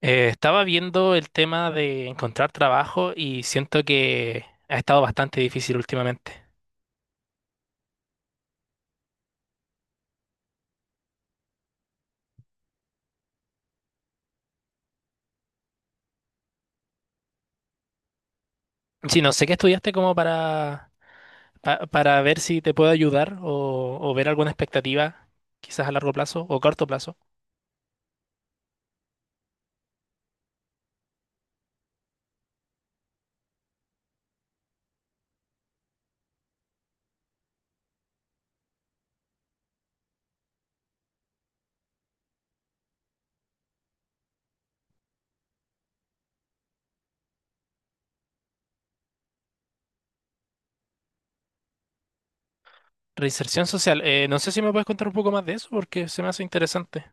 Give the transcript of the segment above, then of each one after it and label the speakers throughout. Speaker 1: Estaba viendo el tema de encontrar trabajo y siento que ha estado bastante difícil últimamente. Sí, no sé qué estudiaste como para, para ver si te puedo ayudar o ver alguna expectativa, quizás a largo plazo o corto plazo. Reinserción social, no sé si me puedes contar un poco más de eso porque se me hace interesante.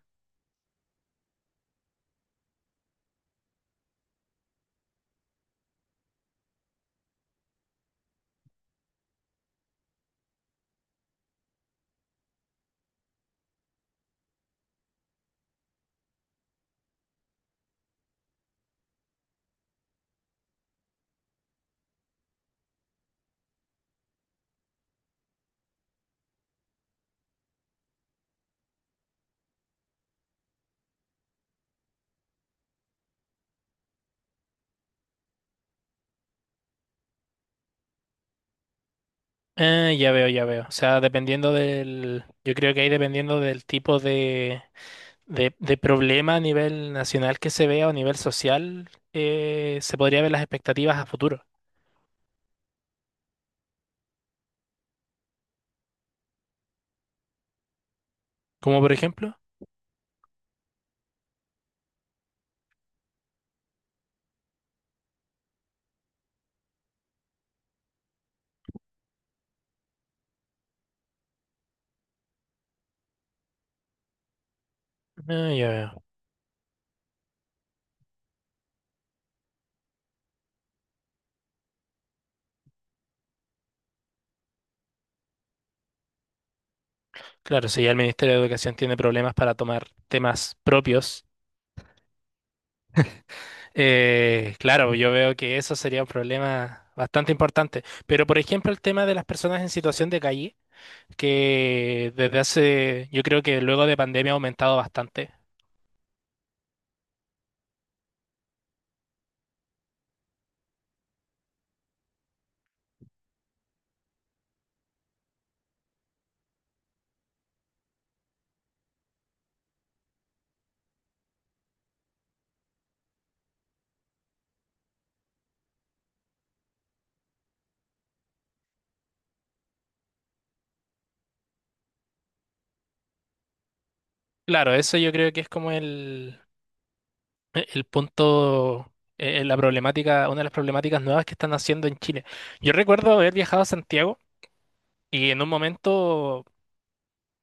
Speaker 1: Ya veo, ya veo. O sea, dependiendo del, yo creo que ahí dependiendo del tipo de problema a nivel nacional que se vea o a nivel social, se podría ver las expectativas a futuro. Como por ejemplo, ah, ya veo. Claro, si ya el Ministerio de Educación tiene problemas para tomar temas propios, claro, yo veo que eso sería un problema bastante importante. Pero por ejemplo, el tema de las personas en situación de calle, que desde hace, yo creo que luego de pandemia ha aumentado bastante. Claro, eso yo creo que es como el, el punto, la problemática, una de las problemáticas nuevas que están haciendo en Chile. Yo recuerdo haber viajado a Santiago y en un momento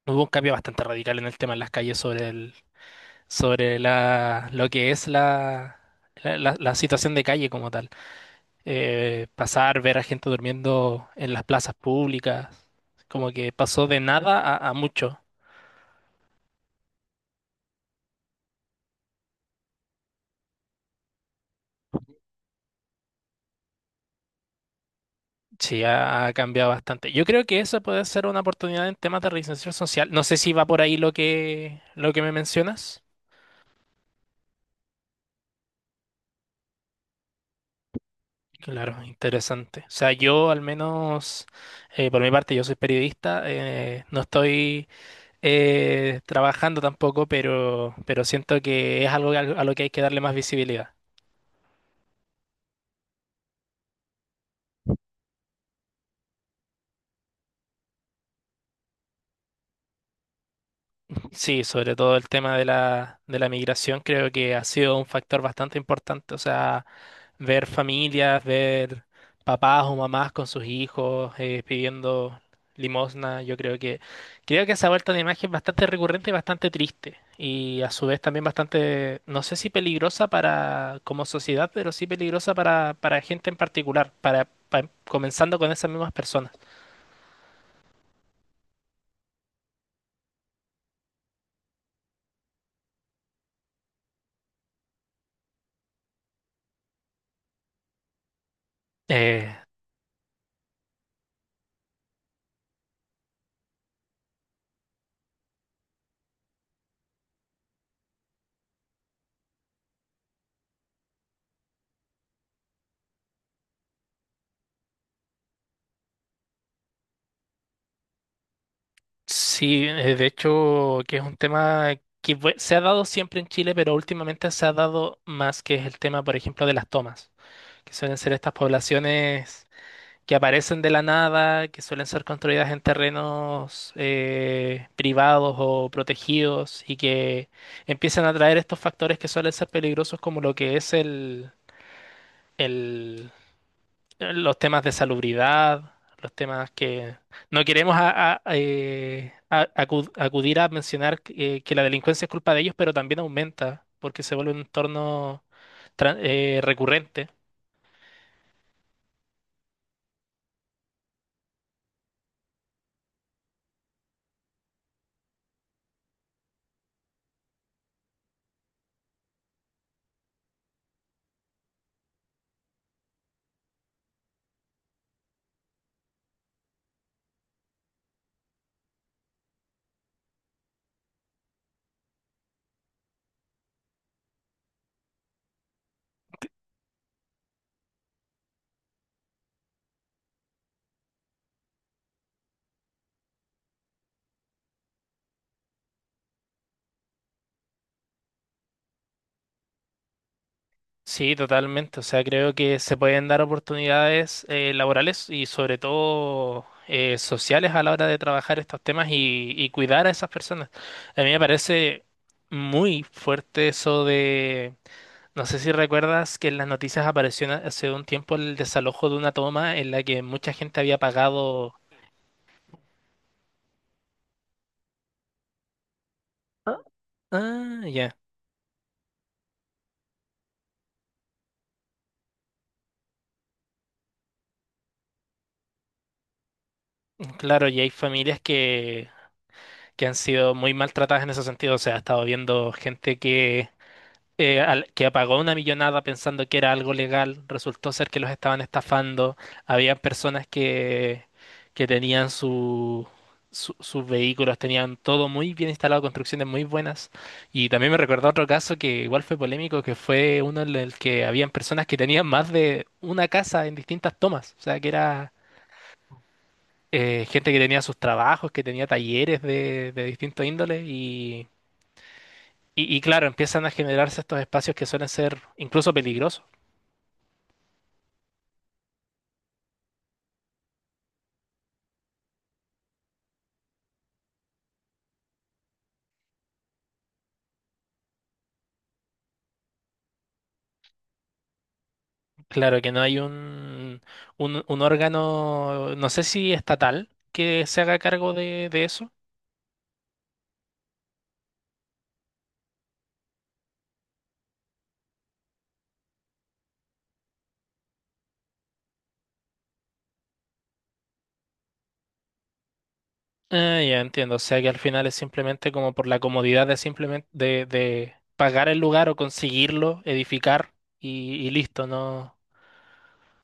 Speaker 1: hubo un cambio bastante radical en el tema en las calles sobre el, sobre la, lo que es la, la situación de calle como tal. Pasar, ver a gente durmiendo en las plazas públicas, como que pasó de nada a mucho. Sí, ha cambiado bastante. Yo creo que eso puede ser una oportunidad en temas de reinserción social. No sé si va por ahí lo que me mencionas. Claro, interesante. O sea, yo al menos, por mi parte, yo soy periodista, no estoy trabajando tampoco, pero siento que es algo a lo que hay que darle más visibilidad. Sí, sobre todo el tema de la migración creo que ha sido un factor bastante importante. O sea, ver familias, ver papás o mamás con sus hijos pidiendo limosna, yo creo que esa vuelta de imagen es bastante recurrente y bastante triste y a su vez también bastante, no sé si peligrosa para como sociedad, pero sí peligrosa para gente en particular, para, comenzando con esas mismas personas. Eh, sí, de hecho que es un tema se ha dado siempre en Chile, pero últimamente se ha dado más, que es el tema, por ejemplo, de las tomas, que suelen ser estas poblaciones que aparecen de la nada, que suelen ser construidas en terrenos privados o protegidos y que empiezan a traer estos factores que suelen ser peligrosos como lo que es el, el- los temas de salubridad, los temas que no queremos acudir a mencionar que la delincuencia es culpa de ellos, pero también aumenta porque se vuelve un entorno recurrente. Sí, totalmente. O sea, creo que se pueden dar oportunidades laborales y sobre todo sociales a la hora de trabajar estos temas y cuidar a esas personas. A mí me parece muy fuerte eso de, no sé si recuerdas que en las noticias apareció hace un tiempo el desalojo de una toma en la que mucha gente había pagado. Ah, ah, ya. Claro, y hay familias que han sido muy maltratadas en ese sentido. O sea, he estado viendo gente que, que pagó una millonada pensando que era algo legal, resultó ser que los estaban estafando. Había personas que tenían su, sus vehículos, tenían todo muy bien instalado, construcciones muy buenas. Y también me recordó otro caso que igual fue polémico, que fue uno en el que habían personas que tenían más de una casa en distintas tomas. O sea, que era gente que tenía sus trabajos, que tenía talleres de distintos índoles y, y claro, empiezan a generarse estos espacios que suelen ser incluso peligrosos. Claro que no hay un órgano, no sé si estatal, que se haga cargo de eso. Ah, ya entiendo. O sea que al final es simplemente como por la comodidad de simplemente de pagar el lugar o conseguirlo, edificar y listo. No,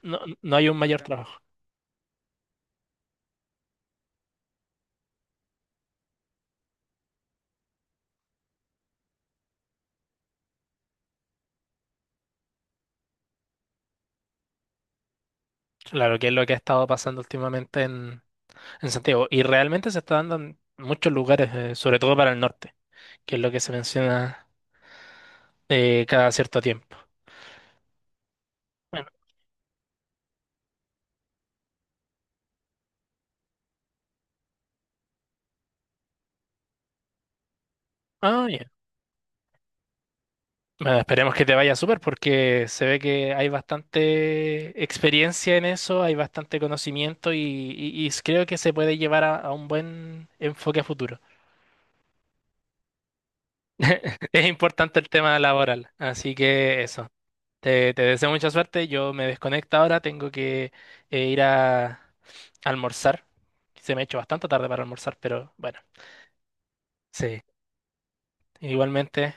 Speaker 1: no hay un mayor trabajo. Claro que es lo que ha estado pasando últimamente en Santiago. Y realmente se está dando en muchos lugares, sobre todo para el norte, que es lo que se menciona cada cierto tiempo. Bueno, ah, ya. Bueno, esperemos que te vaya súper porque se ve que hay bastante experiencia en eso, hay bastante conocimiento y, y creo que se puede llevar a un buen enfoque a futuro. Es importante el tema laboral, así que eso. Te deseo mucha suerte. Yo me desconecto ahora, tengo que ir a almorzar. Se me ha hecho bastante tarde para almorzar, pero bueno, sí. Igualmente.